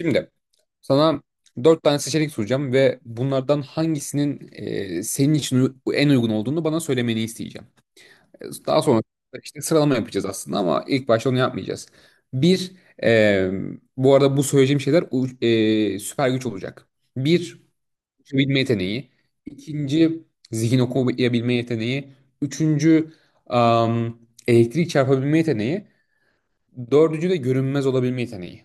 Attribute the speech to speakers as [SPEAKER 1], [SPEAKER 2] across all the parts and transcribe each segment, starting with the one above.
[SPEAKER 1] Şimdi sana dört tane seçenek soracağım ve bunlardan hangisinin senin için en uygun olduğunu bana söylemeni isteyeceğim. Daha sonra işte sıralama yapacağız aslında ama ilk başta onu yapmayacağız. Bir, e, bu arada bu söyleyeceğim şeyler süper güç olacak. Bir, uçabilme yeteneği. İkinci, zihin okuyabilme yeteneği. Üçüncü, am, elektrik çarpabilme yeteneği. Dördüncü de görünmez olabilme yeteneği.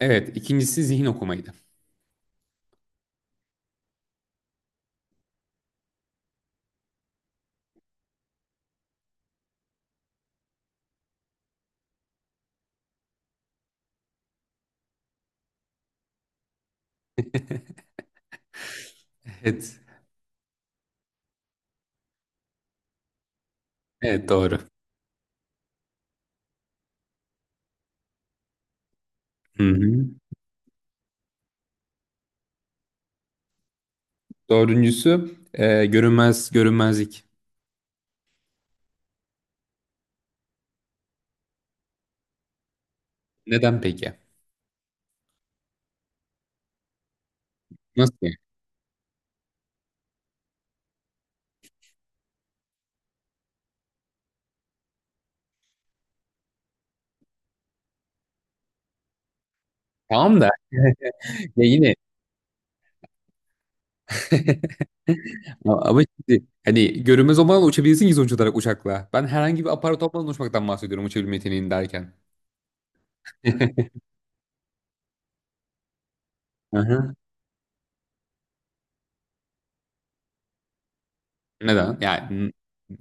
[SPEAKER 1] Evet, ikincisi zihin okumaydı. Evet. Evet, doğru. Hı hı. Dördüncüsü görünmezlik. Neden peki? Nasıl yani? Tamam da, ya yine ama şimdi hani görünmez olmadan uçabilirsin ki sonuç olarak uçakla. Ben herhangi bir aparat olmadan uçmaktan bahsediyorum uçabilme yeteneğini derken. Neden? Yani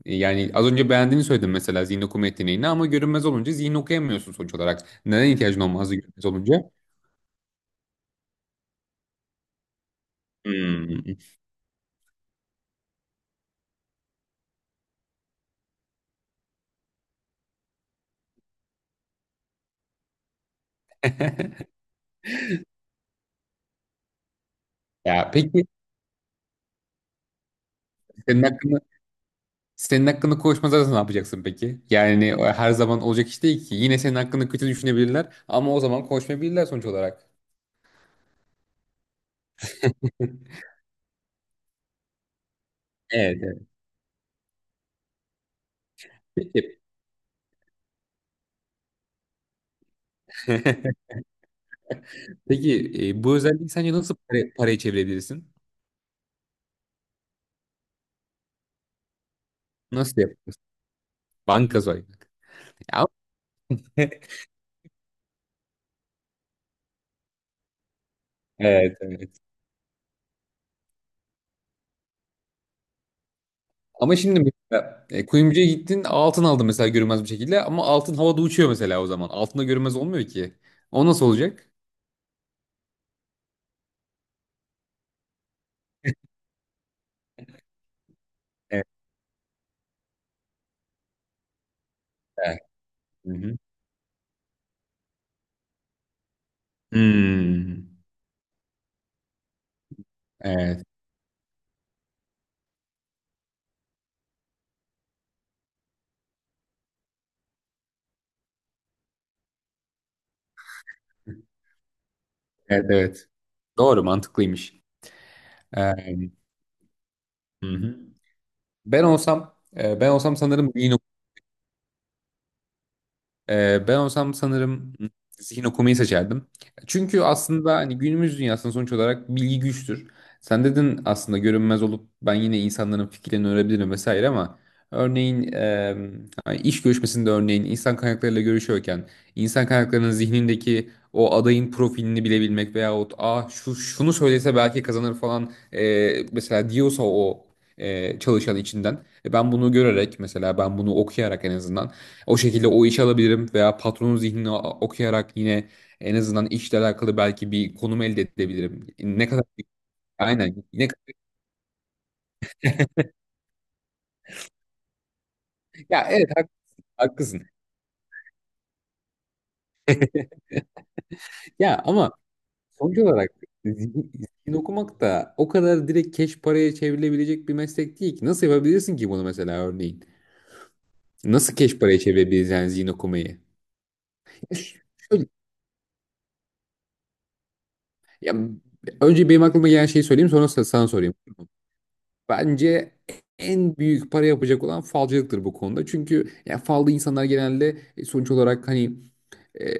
[SPEAKER 1] yani az önce beğendiğini söyledin mesela zihin okuma yeteneğini, ama görünmez olunca zihin okuyamıyorsun sonuç olarak. Neden ihtiyacın olmazdı görünmez olunca? Hmm. Ya peki, senin hakkında senin hakkında konuşmazlarsa ne yapacaksın peki? Yani o her zaman olacak iş değil ki. Yine senin hakkında kötü düşünebilirler ama o zaman konuşmayabilirler sonuç olarak. Evet, evet. Peki. Peki, bu özelliği sence nasıl paraya çevirebilirsin? Nasıl yaparsın? Banka soymak. Ya- Evet, evet. Ama şimdi mesela kuyumcuya gittin, altın aldın mesela, görünmez bir şekilde, ama altın havada uçuyor mesela o zaman. Altında görünmez olmuyor ki. O nasıl olacak? Evet. Evet. Hı hı. Hmm. Evet. Evet, evet. Doğru, mantıklıymış. Ee, hı hı. Ben olsam e, ben olsam sanırım yine ben olsam sanırım zihin okumayı seçerdim. Çünkü aslında hani günümüz dünyasında sonuç olarak bilgi güçtür. Sen dedin aslında görünmez olup ben yine insanların fikirlerini öğrenebilirim vesaire, ama örneğin hani iş görüşmesinde, örneğin insan kaynaklarıyla görüşüyorken, insan kaynaklarının zihnindeki o adayın profilini bilebilmek, veyahut Aa, şu şunu söylese belki kazanır falan, mesela diyorsa o çalışan içinden, ben bunu görerek, mesela ben bunu okuyarak, en azından o şekilde o işi alabilirim, veya patronun zihnini okuyarak yine en azından işle alakalı belki bir konum elde edebilirim. Ne kadar, aynen, ne, ya evet, haklısın. Ya ama sonuç olarak zihin, zihin okumak da o kadar direkt keş paraya çevrilebilecek bir meslek değil ki. Nasıl yapabilirsin ki bunu mesela, örneğin? Nasıl keş paraya çevirebilirsin yani zihin okumayı? Şöyle, ya, önce benim aklıma gelen şeyi söyleyeyim, sonra sana sorayım. Bence en büyük para yapacak olan falcılıktır bu konuda. Çünkü yani falda insanlar genelde, sonuç olarak hani, e,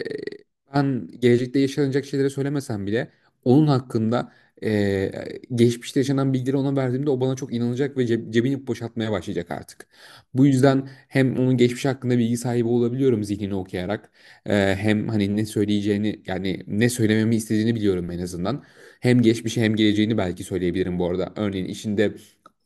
[SPEAKER 1] ben gelecekte yaşanacak şeyleri söylemesem bile, onun hakkında, e, geçmişte yaşanan bilgileri ona verdiğimde o bana çok inanacak ve cebini boşaltmaya başlayacak artık. Bu yüzden hem onun geçmiş hakkında bilgi sahibi olabiliyorum zihnini okuyarak. Hem hani ne söyleyeceğini, yani ne söylememi istediğini biliyorum en azından. Hem geçmişi hem geleceğini belki söyleyebilirim bu arada. Örneğin işinde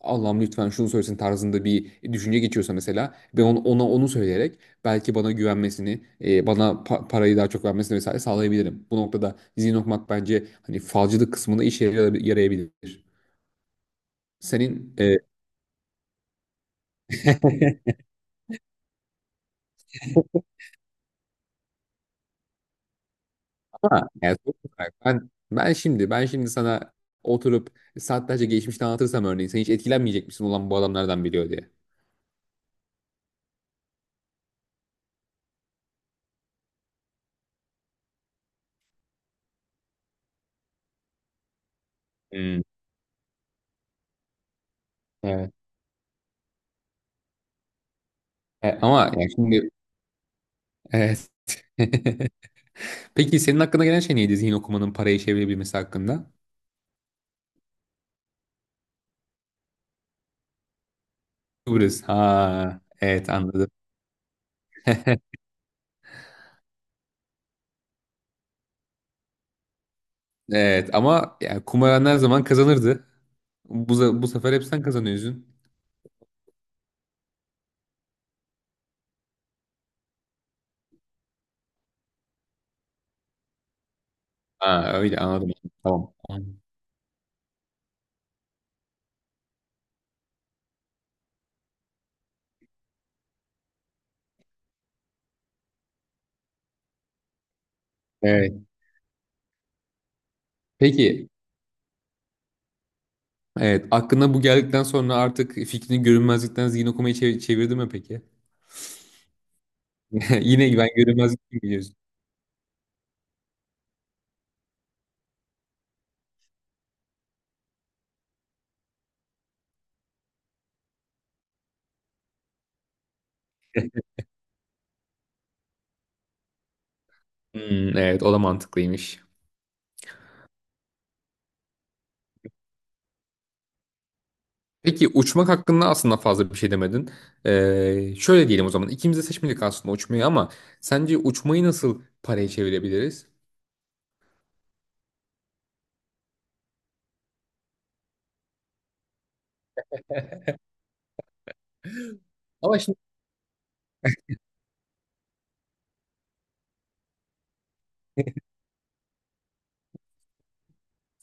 [SPEAKER 1] Allah'ım lütfen şunu söylesin tarzında bir düşünce geçiyorsa mesela, ben ona onu söyleyerek belki bana güvenmesini, bana parayı daha çok vermesini vesaire sağlayabilirim. Bu noktada izin okumak bence hani falcılık kısmında işe yarayabilir. Senin e, Ama yani sonuç olarak ben şimdi sana oturup saatlerce geçmişte anlatırsam, örneğin sen hiç etkilenmeyecek misin, olan bu adamlardan biliyor diye? Hmm, evet. Ama yani şimdi, evet. Peki senin hakkında gelen şey neydi, zihin okumanın parayı çevirebilmesi hakkında? Kıbrıs. Ha, evet, anladım. Evet, ama yani kumaran her zaman kazanırdı. Bu sefer hep sen kazanıyorsun. Ha, öyle anladım. Tamam. Evet. Peki. Evet. Aklına bu geldikten sonra artık fikrini görünmezlikten zihin okumayı çevirdi mi peki? Yine ben görünmezlik mi, biliyorsun? Hmm, evet, o da mantıklıymış. Peki uçmak hakkında aslında fazla bir şey demedin. Şöyle diyelim o zaman. İkimiz de seçmedik aslında uçmayı, ama sence uçmayı nasıl paraya çevirebiliriz? Ama şimdi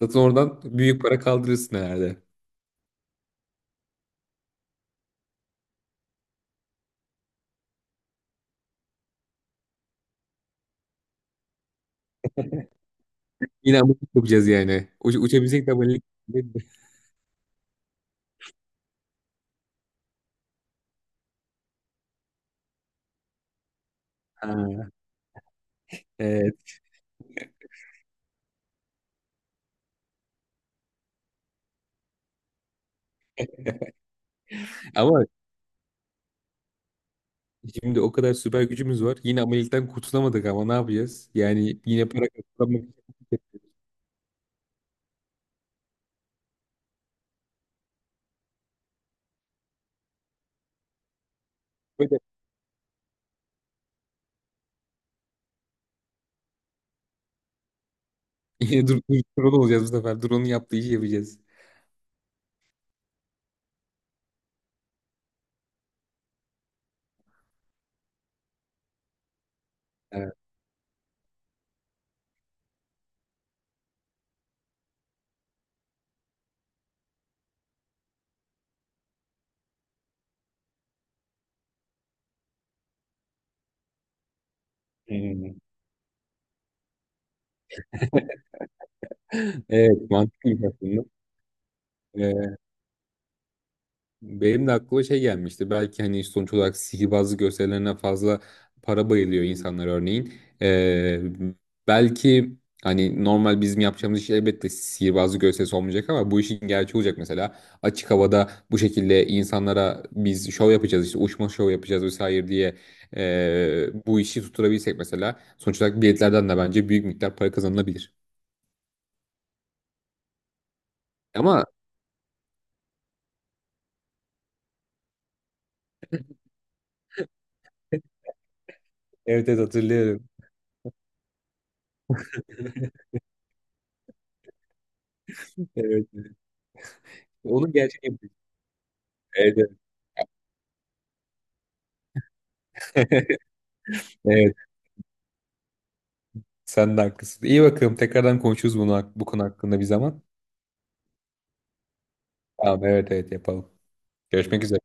[SPEAKER 1] zaten oradan büyük para kaldırırsın herhalde. Yine abonelik yapacağız yani. Uçabilsek de abonelik. Ha, evet. Ama şimdi o kadar süper gücümüz var. Yine abonelikten kurtulamadık, ama ne yapacağız? Yani yine para kazanmak için böyle. Yine dur, dur, drone olacağız bu sefer. Drone'un yaptığı işi yapacağız. Evet. Hmm. Evet, mantıklıymış aslında. Ee, Benim de aklıma şey gelmişti. Belki hani sonuç olarak sihirbazlık gösterilerine fazla para bayılıyor insanlar örneğin. Ee, belki hani normal bizim yapacağımız iş elbette sihirbazlık gösterisi olmayacak, ama bu işin gerçeği olacak mesela. Açık havada bu şekilde insanlara biz şov yapacağız, işte uçma şov yapacağız vesaire diye, bu işi tutturabilsek mesela, sonuç olarak biletlerden de bence büyük miktar para kazanılabilir. Ama evet, evet, hatırlıyorum. Evet. Onun gerçeği. Evet, evet. Evet. Sen de haklısın. İyi, bakalım. Tekrardan konuşuruz bunu, bu konu hakkında bir zaman. Tamam, evet, evet, yapalım. Görüşmek üzere.